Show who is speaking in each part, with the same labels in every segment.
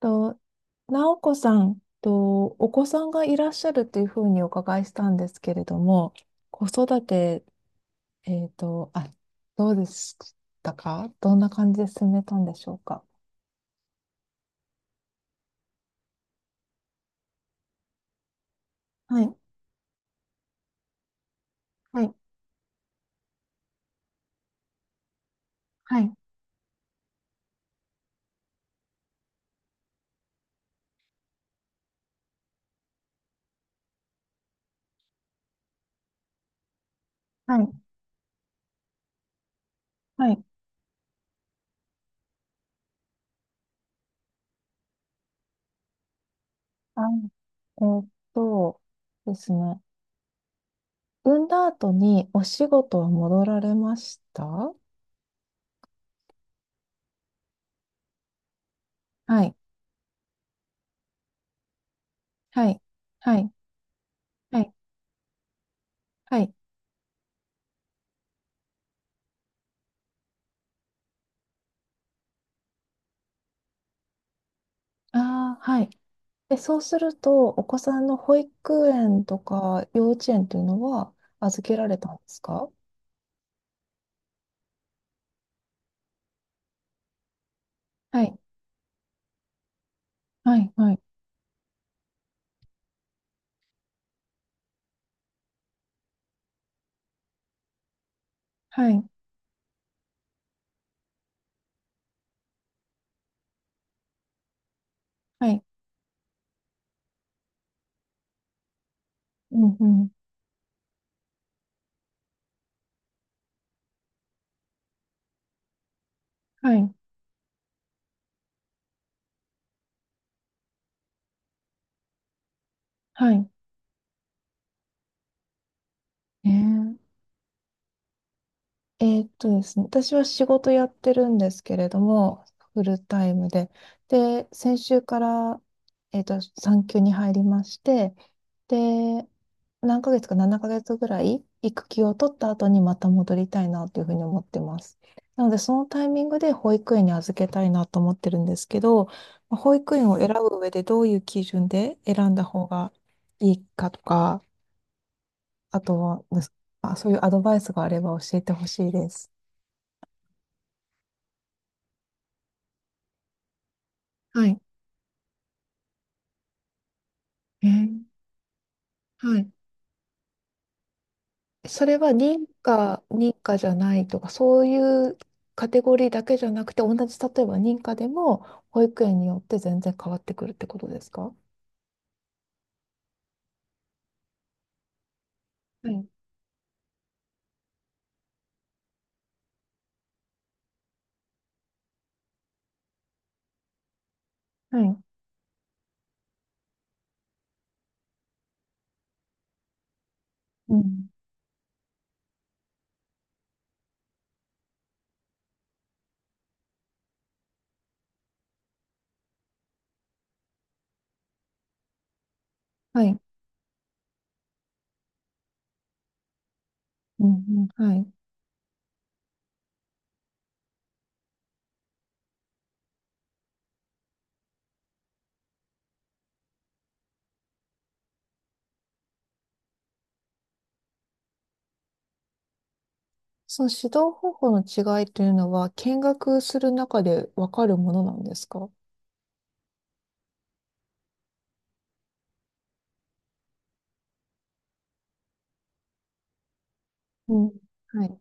Speaker 1: と、なお子さんとお子さんがいらっしゃるというふうにお伺いしたんですけれども、子育て、えっと、あ、どうでしたか。どんな感じで進めたんでしょうか？はい、はい、はい、はい、はい。あ、えーっとですね。産んだ後にお仕事は戻られましたはい、はい、はい、はい、はい。ああ、はい。で、そうすると、お子さんの保育園とか幼稚園というのは預けられたんですか？はい、はい、はい、はい、はい、うん、うん、はい、はい。ええ、えーっとですね、私は仕事やってるんですけれども、フルタイムで。で、先週から、産休に入りまして、で、何ヶ月か7ヶ月ぐらい育休を取った後にまた戻りたいなというふうに思ってます。なので、そのタイミングで保育園に預けたいなと思ってるんですけど、まあ保育園を選ぶ上でどういう基準で選んだ方がいいかとか、あとは、あ、そういうアドバイスがあれば教えてほしいです。はい。えー。はい。それは認可じゃないとか、そういうカテゴリーだけじゃなくて、同じ、例えば認可でも、保育園によって全然変わってくるってことですか？はい。はい。うん。はい。うん。うん。はい。その指導方法の違いというのは、見学する中でわかるものなんですか？うん。はい。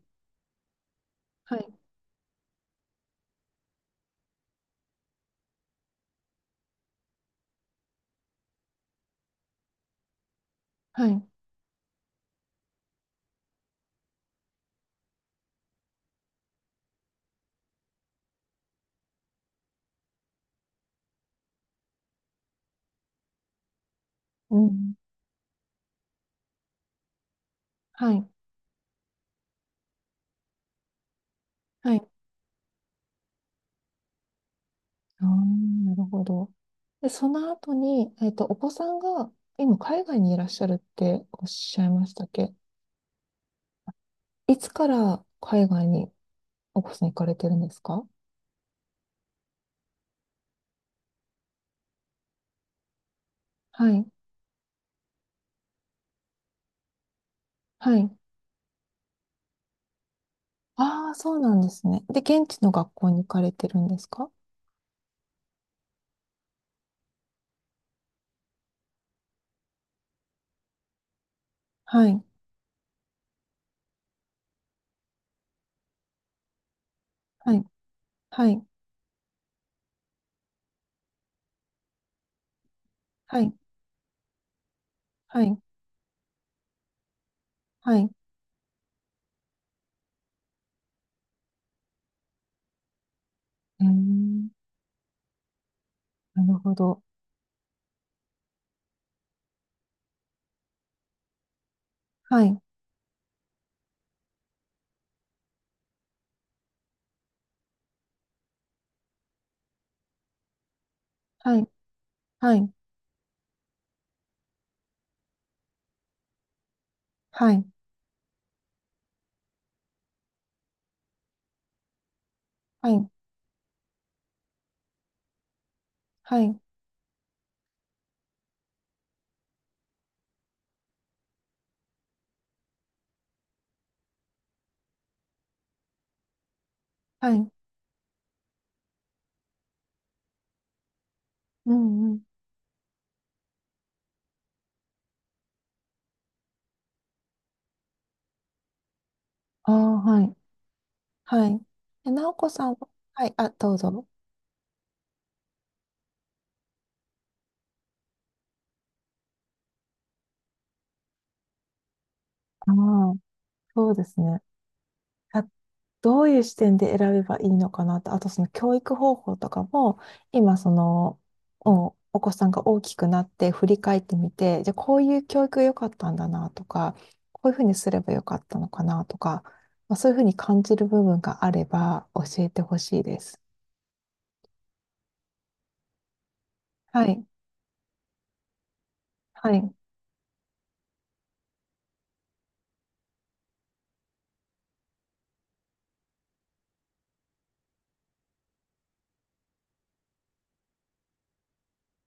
Speaker 1: はい。はい。うん。はい。はい。ああ、なるほど。で、その後に、えっと、お子さんが今海外にいらっしゃるっておっしゃいましたっけ？いつから海外にお子さん行かれてるんですか？はい。はい。ああ、そうなんですね。で、現地の学校に行かれてるんですか？はい。はい。はい。はい。はい。はい。うーん。なるほど。はい。はい。はい。はい。はい。はい。はい。うんうん。ああ、はい。はい。え、なおこさんは、はい。あ、どうぞ。ああ、そうですね。あ、どういう視点で選べばいいのかなと、あとその教育方法とかも、今その、お子さんが大きくなって振り返ってみて、じゃあこういう教育が良かったんだなとか、こういうふうにすれば良かったのかなとか、まあ、そういうふうに感じる部分があれば教えてほしいです。はい、はい、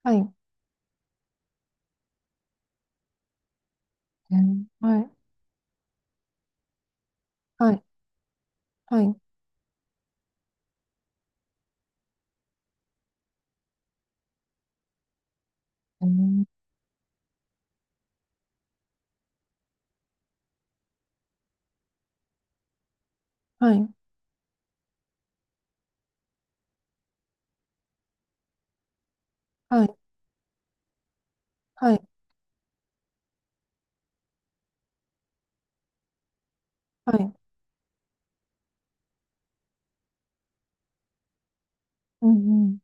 Speaker 1: はい、うん、はい、はい、はい、うん、はい、はい、はい、はい、うんうん、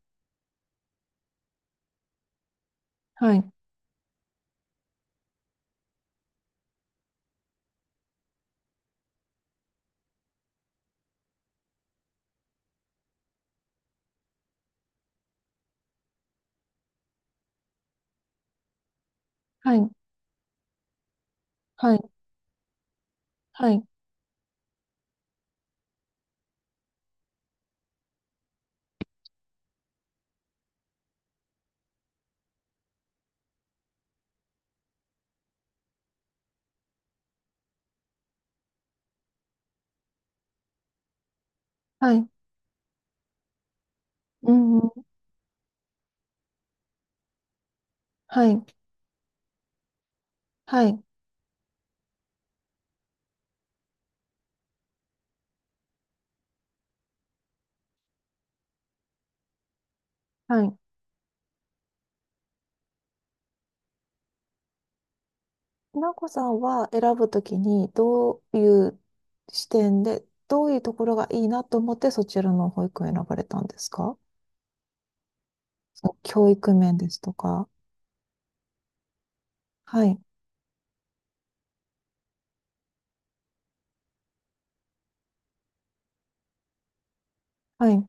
Speaker 1: はい、はい、はい、はい。はい。うん。はい、はい、はい。なおこさんは選ぶときに、どういう視点で、どういうところがいいなと思って、そちらの保育を選ばれたんですか？その教育面ですとか。はい、はい、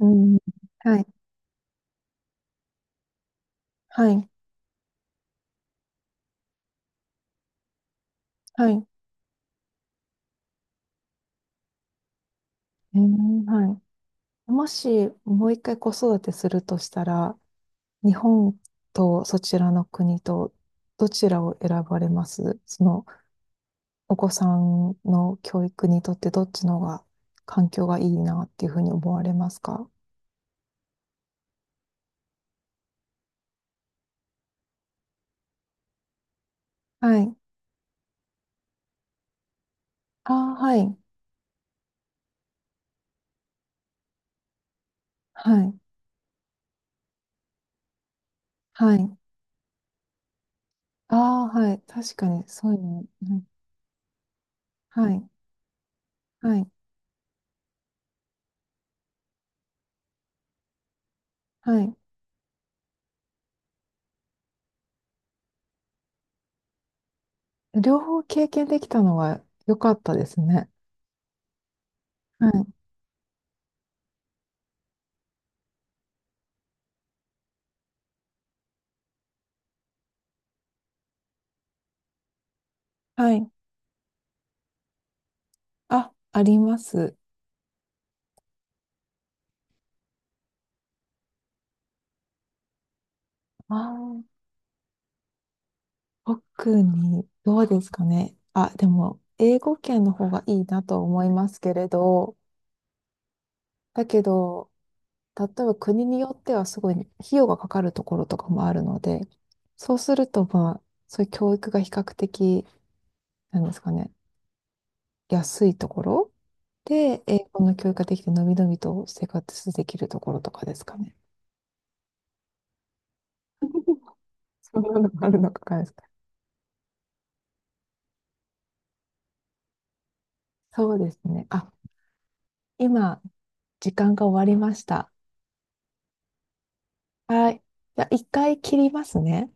Speaker 1: うん、はい、はい、はい、うん、はい。もし、もう一回子育てするとしたら、日本とそちらの国と、どちらを選ばれますそのお子さんの教育にとってどっちの方が環境がいいなっていうふうに思われますか？はい。ああ、はい。はい。はい。ああ、はい。確かに、そういうの。はい。はい。はい。両方経験できたのは良かったですね。はい。はい。あ、あります。ああ、特に、どうですかね。あ、でも、英語圏の方がいいなと思いますけれど、だけど、例えば国によってはすごい費用がかかるところとかもあるので、そうするとまあ、そういう教育が比較的、なんですかね、安いところで、英語の教育ができて、のびのびと生活できるところとかですかね。そんなのがあるのかないですか。そうですね。あ、今、時間が終わりました。はい。じゃあ、一回切りますね。